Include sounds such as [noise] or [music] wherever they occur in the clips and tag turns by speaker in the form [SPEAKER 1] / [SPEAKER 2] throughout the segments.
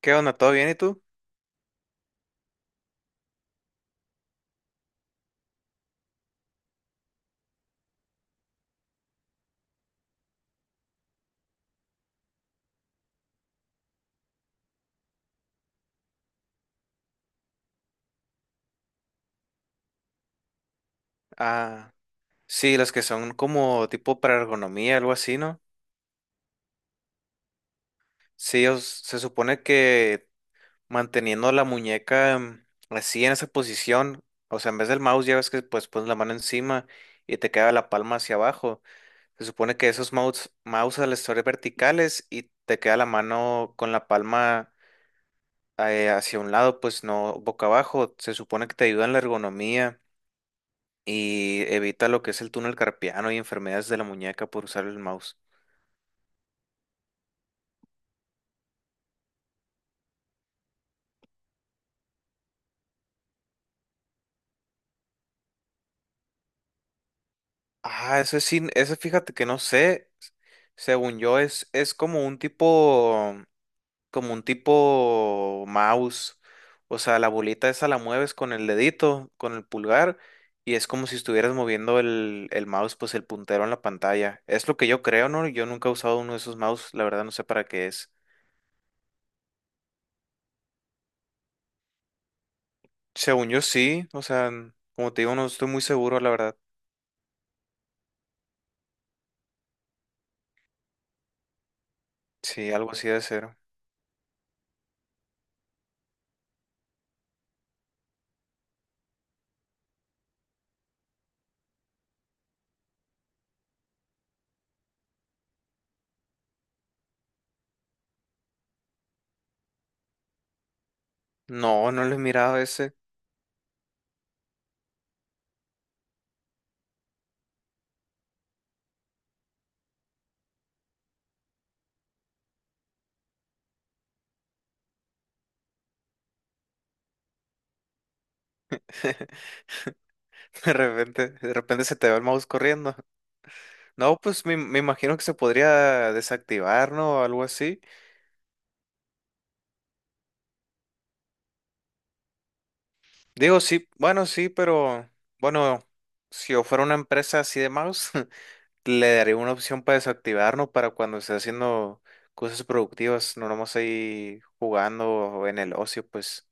[SPEAKER 1] ¿Qué onda? ¿Todo bien y tú? Ah, sí, las que son como tipo para ergonomía, algo así, ¿no? Sí, se supone que manteniendo la muñeca así en esa posición, o sea, en vez del mouse ya ves que pues pones la mano encima y te queda la palma hacia abajo. Se supone que esos mouse al estar verticales y te queda la mano con la palma hacia un lado, pues no boca abajo. Se supone que te ayuda en la ergonomía y evita lo que es el túnel carpiano y enfermedades de la muñeca por usar el mouse. Ah, ese sí, ese fíjate que no sé. Según yo, es como un tipo mouse. O sea, la bolita esa la mueves con el dedito, con el pulgar, y es como si estuvieras moviendo el mouse, pues el puntero en la pantalla. Es lo que yo creo, ¿no? Yo nunca he usado uno de esos mouse, la verdad no sé para qué es. Según yo sí, o sea, como te digo, no estoy muy seguro, la verdad. Sí, algo así de ser. No, no lo he mirado ese. [laughs] De repente se te va el mouse corriendo. No, pues me imagino que se podría desactivar, ¿no? O algo así. Digo, sí, bueno, sí, pero bueno, si yo fuera una empresa así de mouse, [laughs] le daría una opción para desactivar, ¿no? Para cuando esté haciendo cosas productivas, no nomás ahí jugando o en el ocio, pues.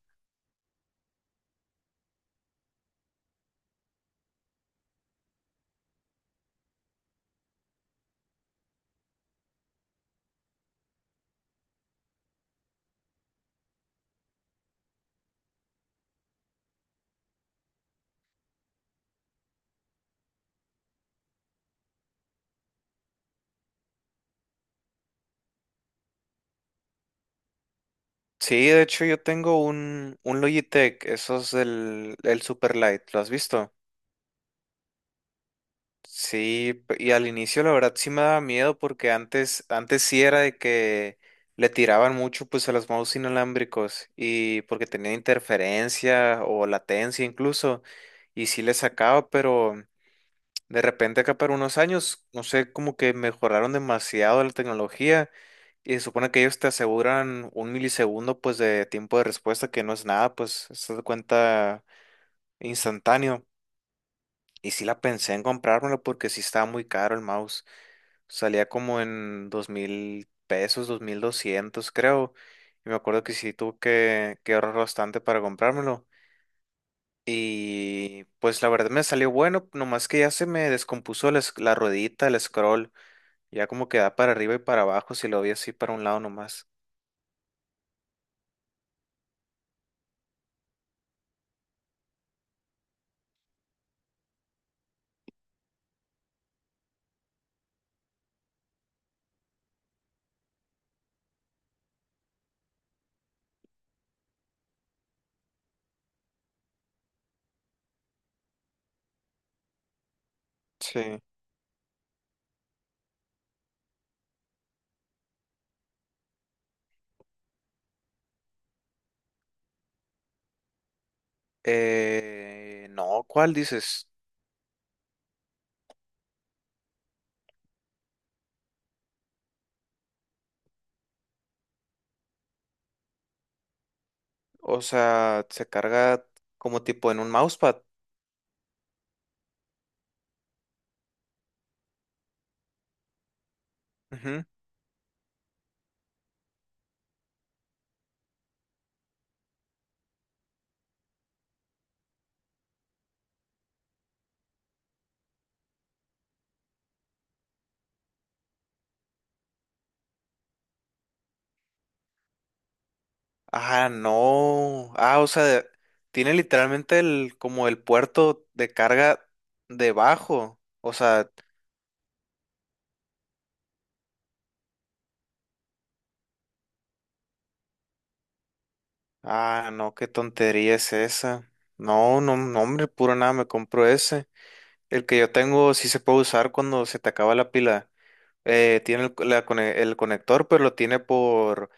[SPEAKER 1] Sí, de hecho yo tengo un Logitech, esos del el Superlight, ¿lo has visto? Sí, y al inicio la verdad sí me daba miedo porque antes sí era de que le tiraban mucho pues a los mouse inalámbricos y porque tenía interferencia o latencia incluso y sí le sacaba, pero de repente acá para unos años, no sé, como que mejoraron demasiado la tecnología y se supone que ellos te aseguran un milisegundo pues de tiempo de respuesta que no es nada, pues se da cuenta instantáneo y sí la pensé en comprármelo porque sí estaba muy caro el mouse. Salía como en 2000 pesos, 2200, creo. Y me acuerdo que sí que ahorrar bastante para comprármelo. Y pues la verdad me salió bueno, nomás que ya se me descompuso la ruedita, el scroll. Ya como que da para arriba y para abajo, si lo vi así para un lado nomás. Sí. No, ¿cuál dices? O sea, se carga como tipo en un mousepad. Ah, no. Ah, o sea, tiene literalmente el, como el puerto de carga debajo. O sea, ah, no, qué tontería es esa. No, no, no, hombre, puro nada, me compro ese. El que yo tengo sí se puede usar cuando se te acaba la pila. Tiene el conector, pero lo tiene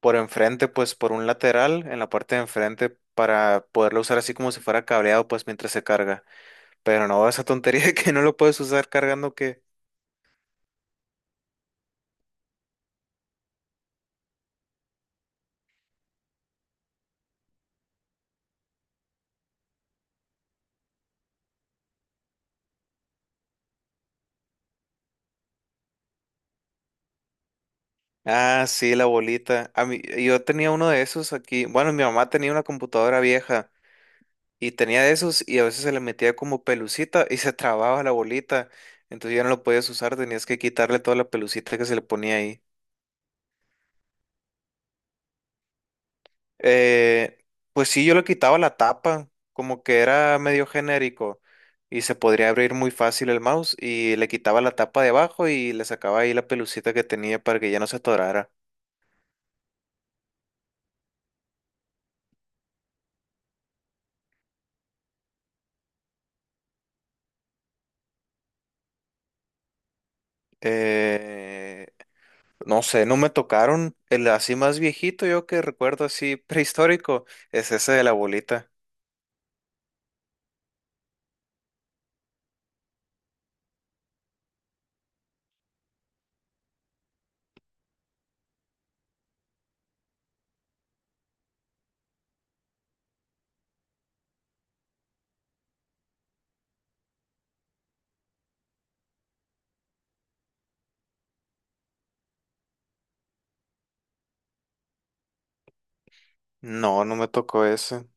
[SPEAKER 1] por enfrente, pues por un lateral, en la parte de enfrente, para poderlo usar así como si fuera cableado, pues mientras se carga. Pero no, esa tontería [laughs] de que no lo puedes usar cargando que... Ah, sí, la bolita. A mí, yo tenía uno de esos aquí. Bueno, mi mamá tenía una computadora vieja y tenía de esos y a veces se le metía como pelucita y se trababa la bolita. Entonces ya no lo podías usar, tenías que quitarle toda la pelucita que se le ponía ahí. Eh, pues sí, yo le quitaba la tapa, como que era medio genérico y se podría abrir muy fácil el mouse y le quitaba la tapa de abajo y le sacaba ahí la pelucita que tenía para que ya no se atorara. Eh, No sé, no me tocaron. El así más viejito, yo que recuerdo así [laughs] prehistórico, es ese de la bolita. No, no me tocó ese.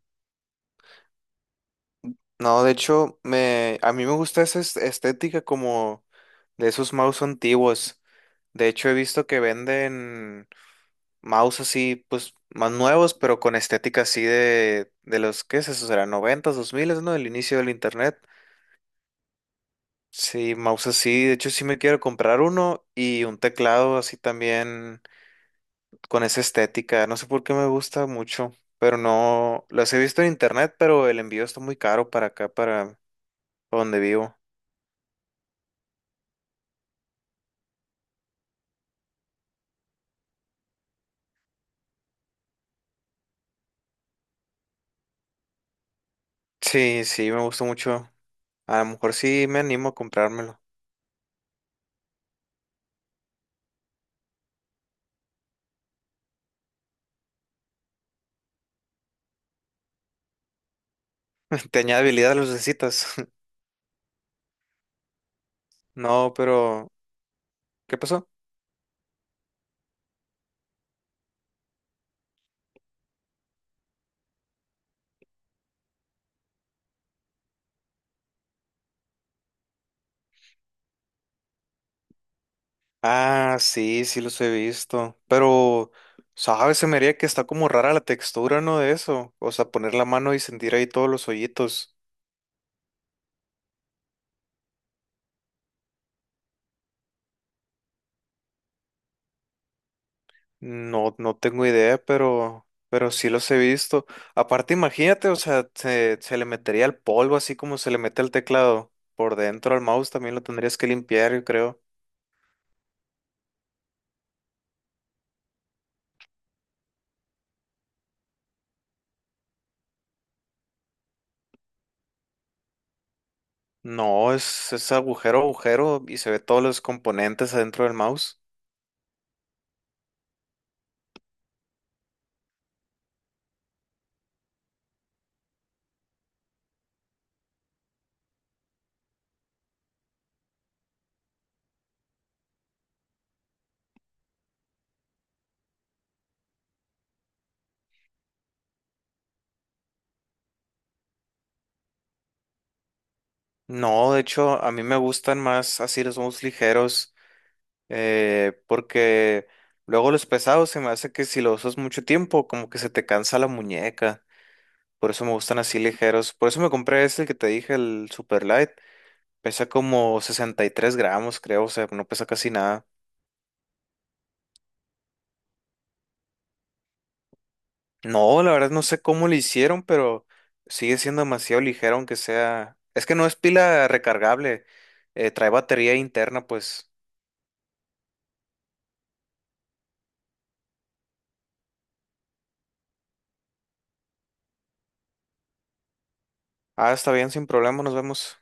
[SPEAKER 1] No, de hecho, a mí me gusta esa estética como de esos mouse antiguos. De hecho, he visto que venden mouse así, pues, más nuevos, pero con estética así de los, ¿qué es eso? Será noventas, dos miles, ¿no? El inicio del internet. Sí, mouse así. De hecho, sí me quiero comprar uno y un teclado así también con esa estética. No sé por qué me gusta mucho, pero no las he visto en internet, pero el envío está muy caro para acá, para donde vivo. Sí, sí, me gusta mucho. A lo mejor sí me animo a comprármelo. [laughs] ¿Te añade habilidad los necesitas? [laughs] No, pero ¿qué pasó? Ah, sí, sí los he visto, pero sabes, se me haría que está como rara la textura, ¿no? De eso, o sea, poner la mano y sentir ahí todos los hoyitos. No, no tengo idea, pero sí los he visto. Aparte, imagínate, o sea, se le metería el polvo así como se le mete el teclado por dentro al mouse, también lo tendrías que limpiar, yo creo. No, es agujero, agujero y se ve todos los componentes adentro del mouse. No, de hecho, a mí me gustan más así los mouse ligeros, porque luego los pesados se me hace que si los usas mucho tiempo, como que se te cansa la muñeca. Por eso me gustan así ligeros. Por eso me compré este el que te dije, el Super Light. Pesa como 63 gramos, creo. O sea, no pesa casi nada. No, la verdad no sé cómo lo hicieron, pero sigue siendo demasiado ligero, aunque sea. Es que no es pila recargable. Trae batería interna, pues. Ah, está bien, sin problema, nos vemos.